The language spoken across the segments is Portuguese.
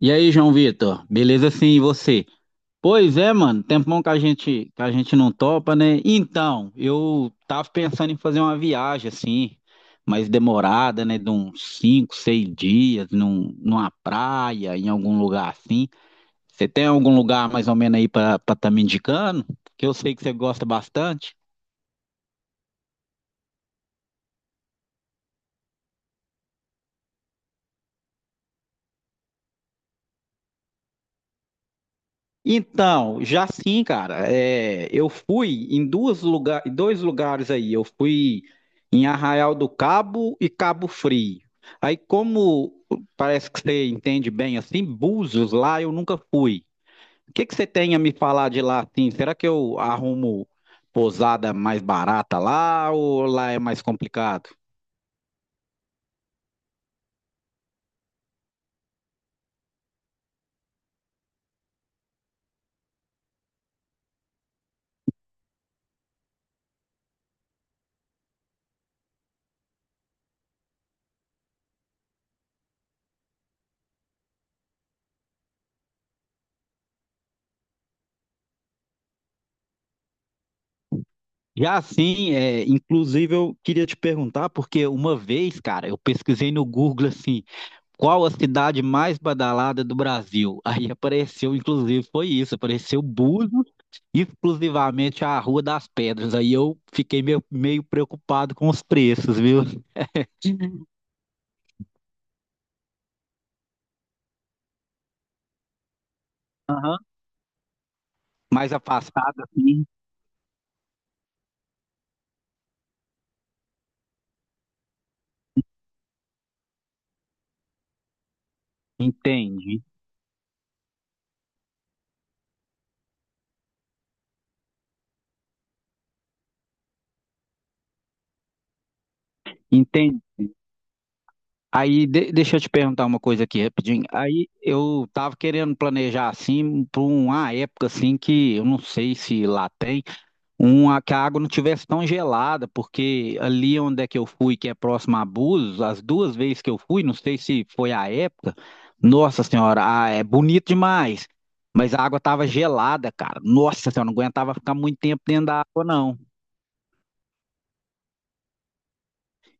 E aí, João Vitor? Beleza sim, e você? Pois é, mano, tempão que a gente não topa, né? Então, eu tava pensando em fazer uma viagem assim, mais demorada, né, de uns cinco, seis dias, numa praia, em algum lugar assim. Você tem algum lugar mais ou menos aí pra para tá me indicando? Que eu sei que você gosta bastante. Então, já sim, cara. É, eu fui em dois lugares aí. Eu fui em Arraial do Cabo e Cabo Frio. Aí, como parece que você entende bem assim, Búzios lá eu nunca fui. O que que você tem a me falar de lá assim? Será que eu arrumo pousada mais barata lá ou lá é mais complicado? Já assim, é, inclusive eu queria te perguntar, porque uma vez, cara, eu pesquisei no Google assim. Qual a cidade mais badalada do Brasil? Aí apareceu, inclusive, foi isso, apareceu Búzios, exclusivamente a Rua das Pedras. Aí eu fiquei meio preocupado com os preços, viu? Aham. Mais afastado, assim, entende? Entende? Aí, deixa eu te perguntar uma coisa aqui rapidinho. Aí, eu tava querendo planejar, assim, para uma época, assim, que eu não sei se lá tem, uma que a água não tivesse tão gelada, porque ali onde é que eu fui, que é próximo a Búzios, as duas vezes que eu fui, não sei se foi a época, nossa senhora, é bonito demais, mas a água tava gelada, cara. Nossa senhora, não aguentava ficar muito tempo dentro da água, não.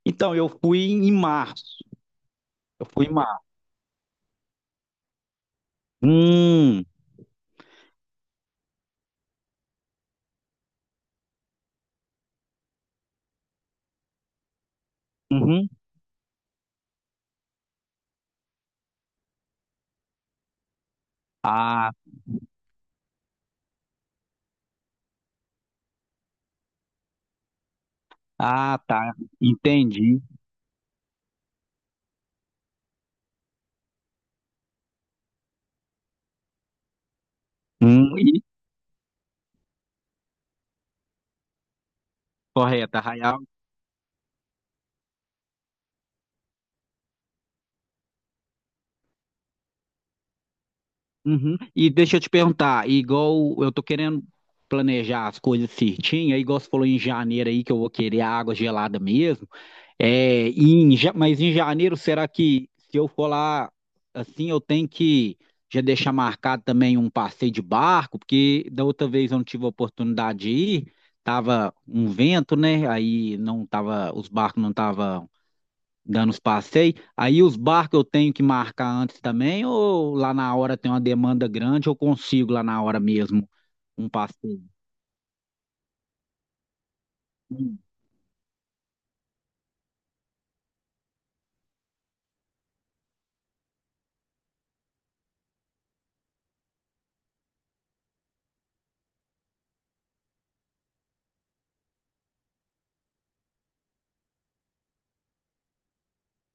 Então, eu fui em março. Eu fui em março. Hum, uhum. Ah, ah, tá, entendi. Hum, e- Correto, Arraial. Uhum. E deixa eu te perguntar, igual eu tô querendo planejar as coisas certinho, aí igual você falou em janeiro aí que eu vou querer água gelada mesmo. É, mas em janeiro, será que se eu for lá assim, eu tenho que já deixar marcado também um passeio de barco, porque da outra vez eu não tive a oportunidade de ir, tava um vento, né? Aí não tava, os barcos não estavam dando os passeios. Aí os barcos eu tenho que marcar antes também, ou lá na hora tem uma demanda grande, eu consigo lá na hora mesmo um passeio? Hum,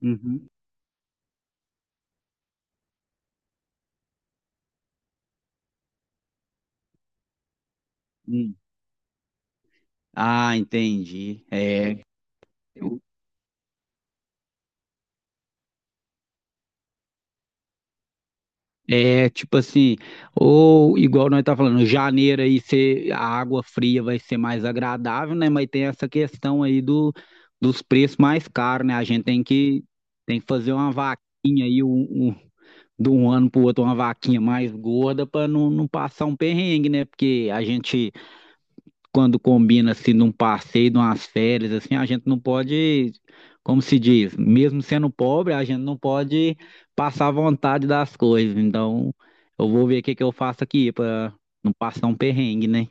uhum, hum. Ah, entendi. É tipo assim, ou igual nós tá falando, janeiro a água fria vai ser mais agradável, né? Mas tem essa questão dos preços mais caros, né? A gente tem que fazer uma vaquinha aí, um de um ano para o outro uma vaquinha mais gorda para não passar um perrengue, né? Porque a gente, quando combina assim num passeio, numas férias, assim, a gente não pode, como se diz, mesmo sendo pobre, a gente não pode passar vontade das coisas. Então, eu vou ver o que que eu faço aqui para não passar um perrengue, né?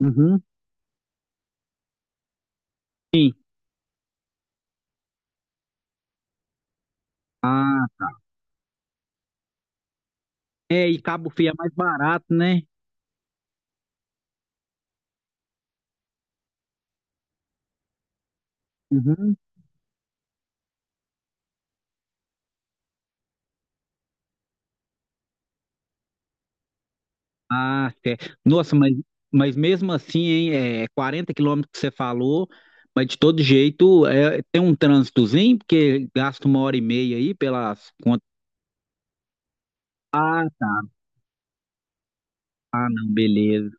Uhum. Sim. Ah, é, e Cabo Frio é mais barato, né? Uhum. Ah, certo. Nossa, mas mesmo assim, hein, é 40 quilômetros que você falou, mas de todo jeito é, tem um trânsitozinho, porque gasta uma hora e meia aí pelas contas. Tá, não, beleza.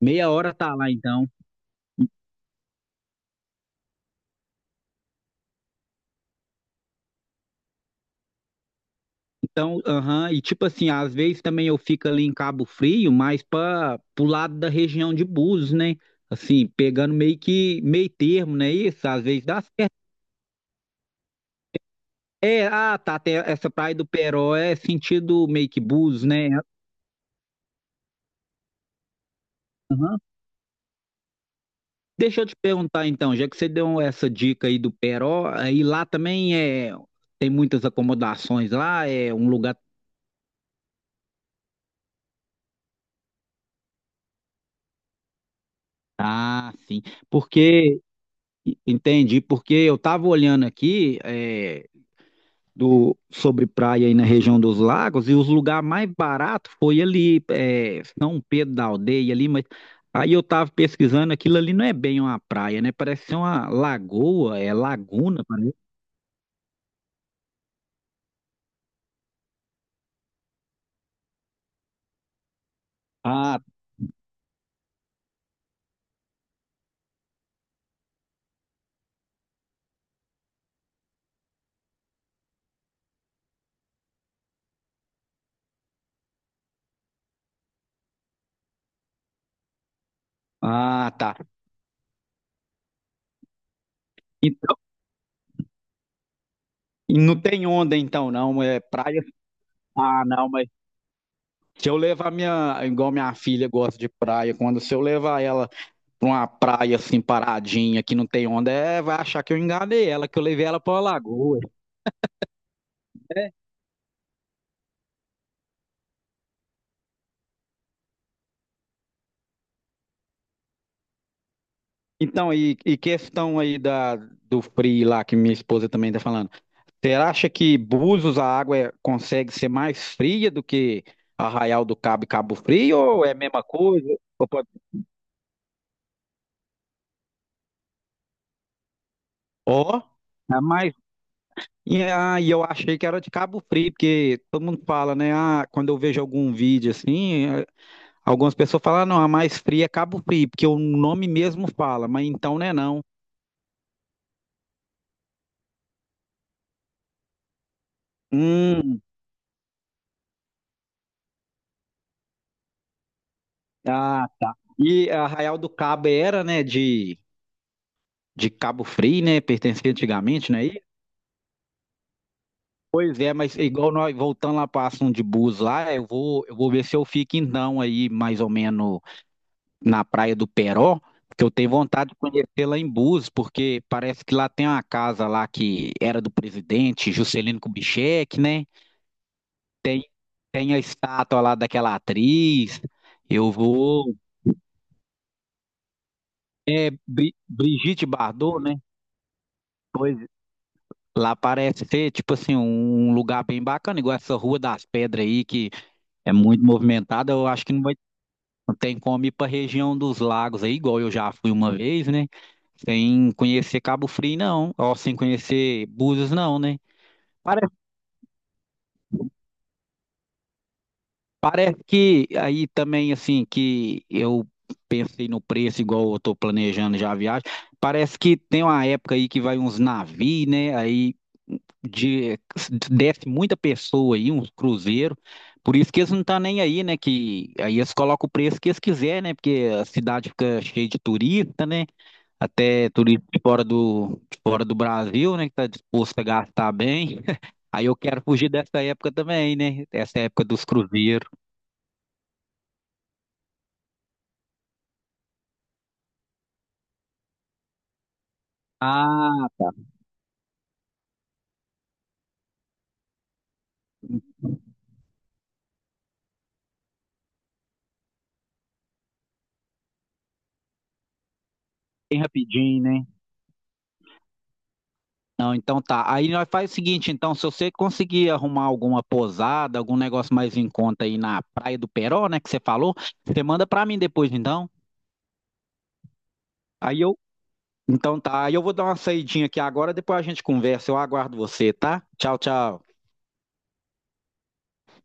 Meia hora tá lá então. Então, aham, e tipo assim, às vezes também eu fico ali em Cabo Frio, mas para pro lado da região de Búzios, né? Assim, pegando meio que meio termo, né? Isso, às vezes dá certo. É, ah, tá, até essa praia do Peró é sentido meio que Búzios, né? Deixa eu te perguntar então, já que você deu essa dica aí do Peró, aí lá também tem muitas acomodações lá, é um lugar. Ah, sim. Porque entendi, porque eu estava olhando aqui do sobre praia aí na região dos lagos e os lugares mais baratos foi ali São Pedro da Aldeia ali, mas aí eu estava pesquisando aquilo ali não é bem uma praia, né? Parece ser uma lagoa, é laguna, parece. Ah, ah, tá. Então, e não tem onda então, não. É praia. Ah, não, mas Se eu levar minha. Igual minha filha gosta de praia, quando se eu levar ela pra uma praia assim paradinha, que não tem onda, vai achar que eu enganei ela, que eu levei ela pra uma lagoa. Né? Então, e questão do frio lá, que minha esposa também tá falando. Você acha que Búzios a água consegue ser mais fria do que Arraial do Cabo e Cabo Frio? Ou é a mesma coisa? Ou pode- Ó, é mais e aí eu achei que era de Cabo Frio, porque todo mundo fala, né? Ah, quando eu vejo algum vídeo assim, algumas pessoas falam, "Ah, não, a mais fria é Cabo Frio, porque o nome mesmo fala", mas então não é não. Hum, ah, tá. E Arraial do Cabo era, né, de Cabo Frio, né? Pertencia antigamente, né? E pois é, mas igual nós voltando lá para assunto de bus lá, eu vou ver se eu fico então aí, mais ou menos na Praia do Peró, porque eu tenho vontade de conhecer lá em Búzios, porque parece que lá tem uma casa lá que era do presidente Juscelino Kubitschek, né? Tem, Tem a estátua lá daquela atriz. Eu vou. Brigitte Bardot, né? Pois lá parece ser, tipo assim, um lugar bem bacana, igual essa Rua das Pedras aí, que é muito movimentada. Eu acho que não vai. Não tem como ir pra região dos lagos aí, igual eu já fui uma vez, né? Sem conhecer Cabo Frio, não. Ou sem conhecer Búzios, não, né? Parece, Parece que aí também, assim, que eu pensei no preço igual eu tô planejando já a viagem. Parece que tem uma época aí que vai uns navios, né? De, Desce muita pessoa aí, uns cruzeiros. Por isso que eles não tá nem aí, né? Que aí eles colocam o preço que eles quiserem, né? Porque a cidade fica cheia de turista, né? Até turistas fora do Brasil, né, que está disposto a gastar bem. Aí eu quero fugir dessa época também, né? Essa época dos cruzeiros. Ah, tá. Bem rapidinho, né? Não, então tá. Aí nós faz o seguinte, então, se você conseguir arrumar alguma pousada, algum negócio mais em conta aí na Praia do Peró, né, que você falou, você manda pra mim depois, então. Aí eu, então tá. Aí eu vou dar uma saidinha aqui agora, depois a gente conversa. Eu aguardo você, tá? Tchau, tchau.